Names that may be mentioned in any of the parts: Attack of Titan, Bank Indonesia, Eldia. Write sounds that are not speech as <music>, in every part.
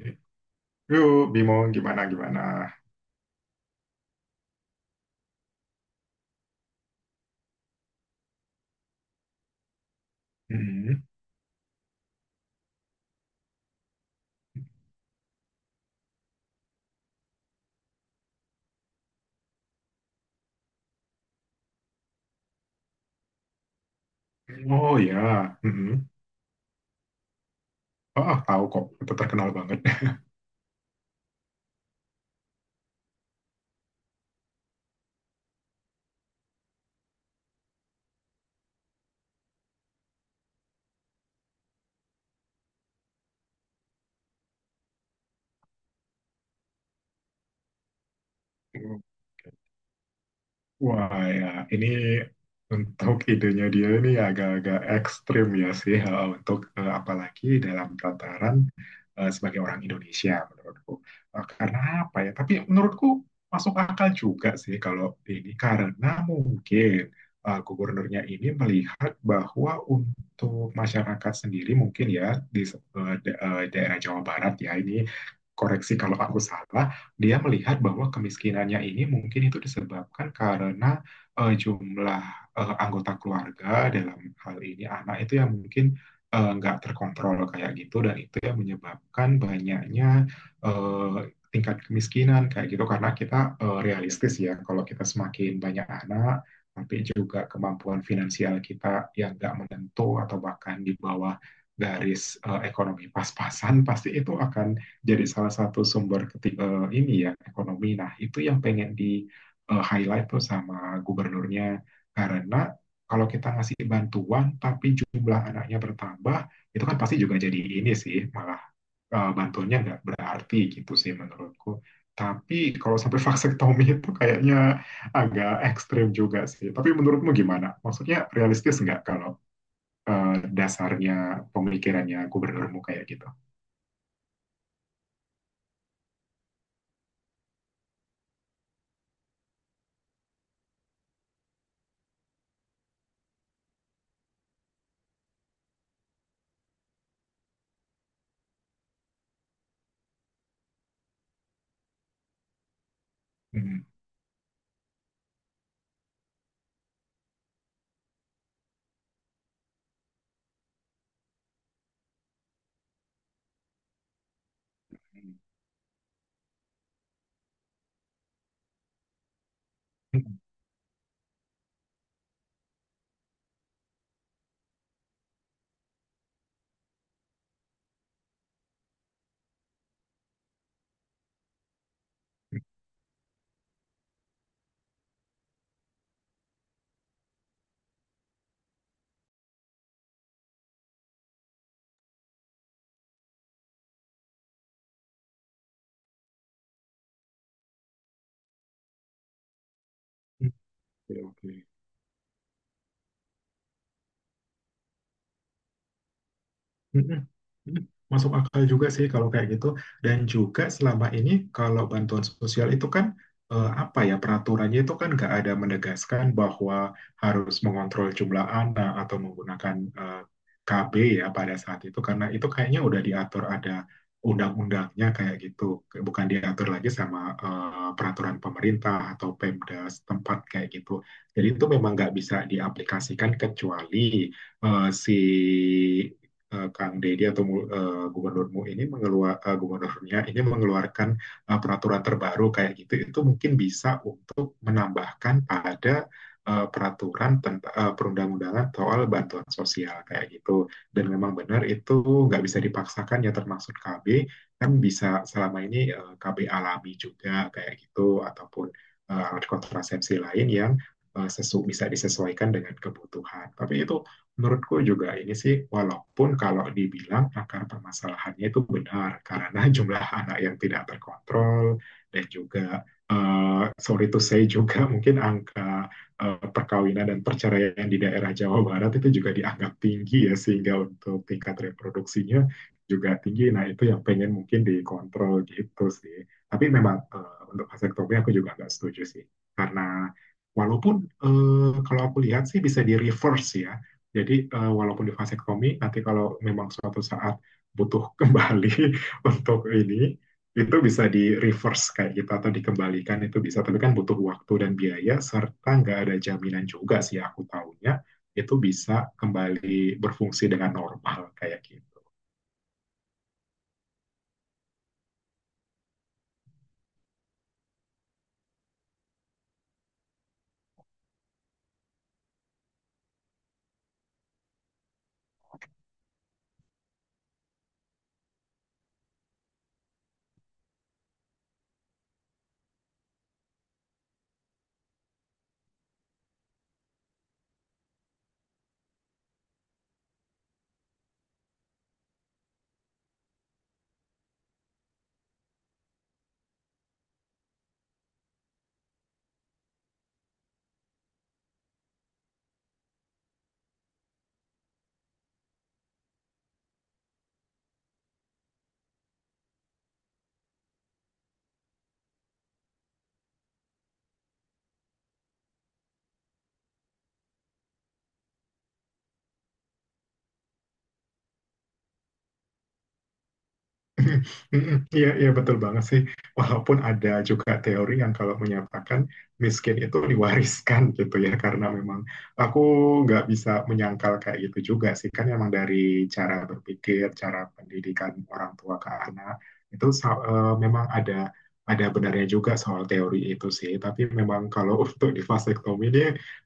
Itu Bimo gimana gimana. Mm-mm. Oh ya. Mm-mm. Oh, ah, tahu kok, itu terkenal banget. <laughs> Wah ya, ini untuk idenya dia ini agak-agak ekstrim ya sih untuk apalagi dalam tataran sebagai orang Indonesia menurutku. Karena apa ya? Tapi menurutku masuk akal juga sih kalau ini karena mungkin gubernurnya ini melihat bahwa untuk masyarakat sendiri mungkin ya di daerah Jawa Barat ya ini, koreksi kalau aku salah, dia melihat bahwa kemiskinannya ini mungkin itu disebabkan karena jumlah anggota keluarga, dalam hal ini anak, itu yang mungkin nggak terkontrol kayak gitu, dan itu yang menyebabkan banyaknya eh, tingkat kemiskinan kayak gitu. Karena kita realistis ya, kalau kita semakin banyak anak tapi juga kemampuan finansial kita yang nggak menentu atau bahkan di bawah garis ekonomi pas-pasan, pasti itu akan jadi salah satu sumber ini ya, ekonomi. Nah, itu yang pengen di highlight tuh sama gubernurnya. Karena kalau kita ngasih bantuan tapi jumlah anaknya bertambah, itu kan pasti juga jadi ini sih, malah bantuannya nggak berarti gitu sih menurutku. Tapi kalau sampai <laughs> vasektomi, itu kayaknya agak ekstrim juga sih. Tapi menurutmu gimana? Maksudnya realistis nggak kalau eh, dasarnya pemikirannya gubernurmu kayak gitu? Hmm. Oke, oke. Mm-mm. Mm-mm. Masuk akal juga sih kalau kayak gitu. Dan juga selama ini kalau bantuan sosial itu kan apa ya, peraturannya itu kan nggak ada menegaskan bahwa harus mengontrol jumlah anak atau menggunakan KB ya pada saat itu, karena itu kayaknya udah diatur, ada undang-undangnya kayak gitu, bukan diatur lagi sama peraturan pemerintah atau Pemda setempat kayak gitu. Jadi itu memang nggak bisa diaplikasikan kecuali eh, si Kang Deddy atau mu- eh, gubernurmu ini mengeluar eh, gubernurnya ini mengeluarkan peraturan terbaru kayak gitu. Itu mungkin bisa untuk menambahkan pada peraturan tentang perundang-undangan soal bantuan sosial kayak gitu. Dan memang benar itu nggak bisa dipaksakan ya, termasuk KB, kan bisa selama ini KB alami juga kayak gitu ataupun alat kontrasepsi lain yang eh, sesu bisa disesuaikan dengan kebutuhan. Tapi itu menurutku juga ini sih, walaupun kalau dibilang akar permasalahannya itu benar, karena <laughs> jumlah anak yang tidak terkontrol, dan juga sorry to say juga <laughs> mungkin angka perkawinan dan perceraian di daerah Jawa Barat itu juga dianggap tinggi ya, sehingga untuk tingkat reproduksinya juga tinggi. Nah, itu yang pengen mungkin dikontrol gitu sih. Tapi memang untuk vasektomi aku juga nggak setuju sih, karena walaupun kalau aku lihat sih bisa di reverse ya, jadi walaupun di vasektomi, nanti kalau memang suatu saat butuh kembali <laughs> untuk ini, itu bisa di reverse kayak gitu atau dikembalikan, itu bisa. Tapi kan butuh waktu dan biaya, serta nggak ada jaminan juga sih, aku tahunya itu bisa kembali berfungsi dengan normal kayak gitu. Iya, iya, betul banget sih. Walaupun ada juga teori yang kalau menyatakan miskin itu diwariskan <laughs> gitu ya, karena memang aku nggak bisa menyangkal kayak gitu juga sih. Kan emang dari cara berpikir, cara pendidikan orang tua ke anak, itu memang ada benarnya juga soal teori itu sih. Tapi memang kalau <laughs> untuk di vasektomi ini,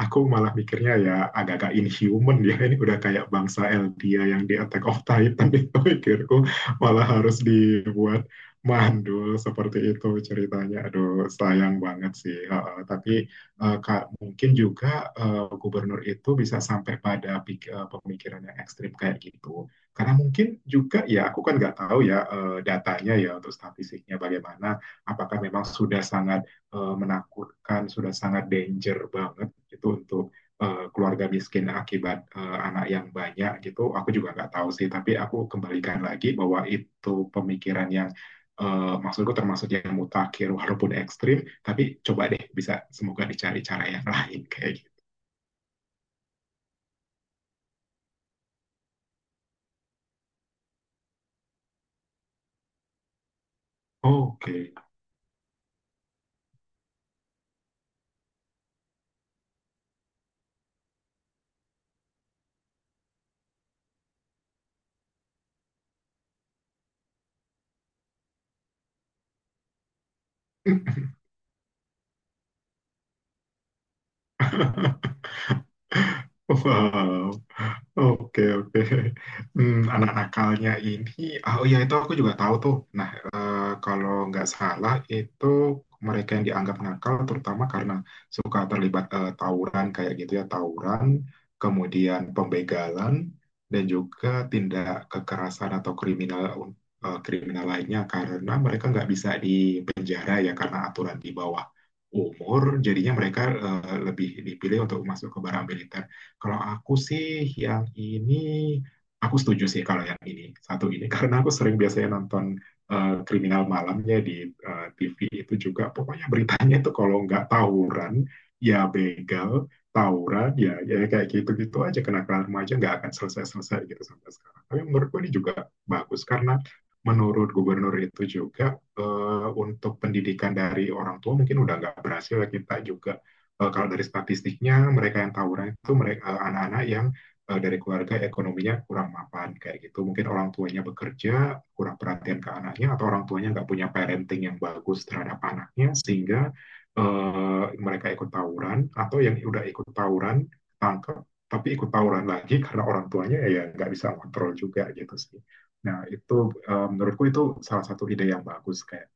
aku malah mikirnya ya agak-agak inhuman ya. Ini udah kayak bangsa Eldia yang di Attack of Titan itu, <laughs> pikirku. <laughs> Malah harus dibuat mandul seperti itu ceritanya. Aduh, sayang banget sih. Heeh, tapi Kak, mungkin juga gubernur itu bisa sampai pada pemikiran yang ekstrim kayak gitu. Karena mungkin juga ya, aku kan nggak tahu ya datanya ya, untuk statistiknya bagaimana. Apakah memang sudah sangat menakutkan, sudah sangat danger banget itu untuk keluarga miskin akibat anak yang banyak gitu, aku juga nggak tahu sih. Tapi aku kembalikan lagi bahwa itu pemikiran yang maksudku termasuk yang mutakhir walaupun ekstrim, tapi coba deh, bisa semoga dicari cara yang <laughs> lain kayak gitu. Oke. <laughs> Wow. Oke, oke. <laughs> Hmm, anak nakalnya ini, ah, oh iya, itu aku juga tahu tuh. Nah, kalau nggak salah itu, mereka yang dianggap nakal terutama karena suka terlibat tawuran kayak gitu ya, tawuran, kemudian pembegalan, dan juga tindak kekerasan atau kriminal, eh, kriminal lainnya, karena mereka nggak bisa dipenjara ya, karena aturan di bawah umur, jadinya mereka lebih dipilih untuk masuk ke barang militer. Kalau aku sih yang ini, aku setuju sih kalau yang ini, satu ini, <laughs> karena aku sering biasanya nonton kriminal malamnya di TV itu juga, pokoknya beritanya itu kalau nggak tawuran ya begal, tawuran ya kayak gitu-gitu aja, kenakalan remaja nggak akan selesai-selesai gitu sampai sekarang. Tapi menurutku ini juga bagus, karena menurut gubernur itu juga untuk pendidikan dari orang tua mungkin udah nggak berhasil ya, kita juga kalau dari statistiknya, mereka yang tawuran itu mereka anak-anak yang dari keluarga ekonominya kurang mapan kayak gitu. Mungkin orang tuanya bekerja, kurang perhatian ke anaknya, atau orang tuanya nggak punya parenting yang bagus terhadap anaknya, sehingga mereka ikut tawuran, atau yang udah ikut tawuran tangkap tapi ikut tawuran lagi, <laughs> karena orang tuanya ya nggak bisa kontrol juga gitu sih. Nah itu, menurutku itu salah satu ide yang bagus kayak,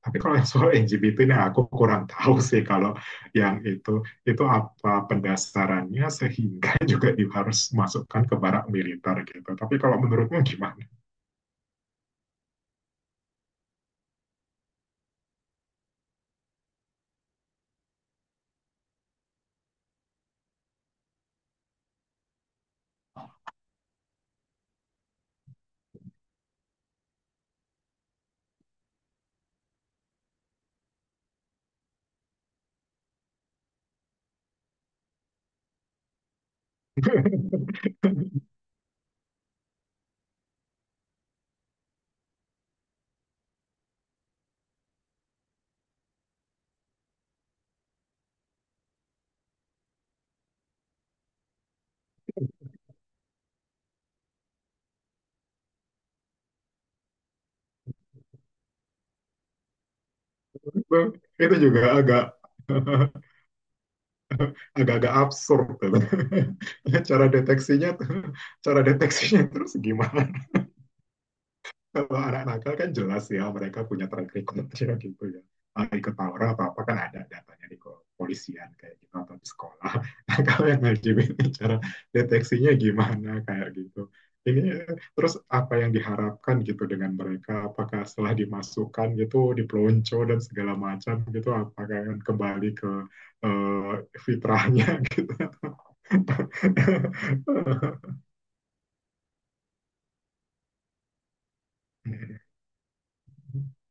tapi kalau yang soal LGBT ini, aku kurang tahu sih kalau yang itu apa pendasarannya sehingga <laughs> juga harus masukkan ke barak militer gitu. Tapi kalau menurutmu gimana? <laughs> Itu juga agak <laughs> agak-agak absurd gitu. <laughs> Cara deteksinya cara deteksinya terus gimana? Kalau anak nakal kan jelas ya, mereka punya track recordnya gitu ya. Ah, ikut tawuran atau apa kan ada datanya di kepolisian kayak gitu atau di sekolah. <laughs> Nah, kalau yang LGBT, cara deteksinya gimana kayak gitu. Ini terus apa yang diharapkan gitu dengan mereka? Apakah setelah dimasukkan gitu dipelonco dan segala macam gitu, apakah akan kembali ke eh, fitrahnya gitu? <laughs>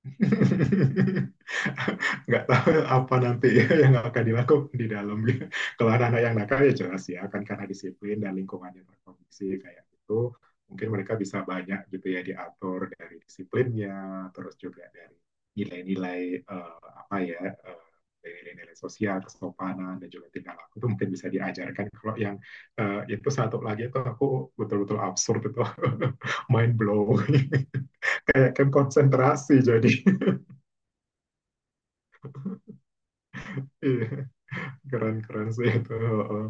<laughs> Nggak tahu apa nanti <laughs> ya yang akan dilakukan di dalam <laughs> gitu. Kalau anak-anak yang nakal ya jelas ya kan, karena disiplin dan lingkungan yang terkondisi kayak gitu, mungkin mereka bisa banyak gitu ya diatur dari disiplinnya, terus juga dari nilai-nilai eh, apa ya eh, nilai-nilai sosial, kesopanan dan juga tingkah laku, itu mungkin bisa diajarkan. Kalau yang itu satu lagi itu, aku betul-betul absurd itu, <laughs> mind blow, <laughs> kayak kan konsentrasi jadi. Iya, keren-keren sih itu. Heeh.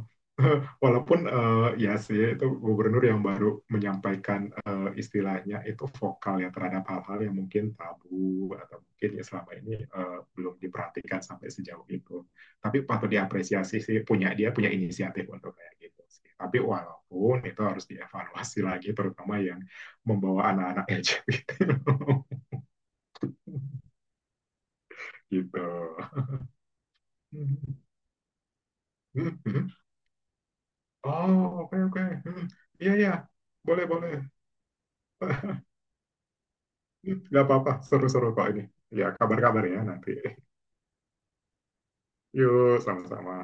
Walaupun ya sih, itu gubernur yang baru, menyampaikan istilahnya itu vokal ya terhadap hal-hal yang mungkin tabu, atau mungkin ya selama ini belum diperhatikan sampai sejauh itu. Tapi patut diapresiasi sih, dia punya inisiatif untuk kayak gitu sih. Tapi walaupun itu harus dievaluasi lagi, terutama yang membawa anak-anak LGBT <laughs> gitu. <laughs> Oh, oke, oke. Hmm. Iya, iya. Boleh, boleh. <laughs> Nggak apa-apa. Seru-seru kok ini. Ya, kabar-kabar ya nanti. Yuk, sama-sama.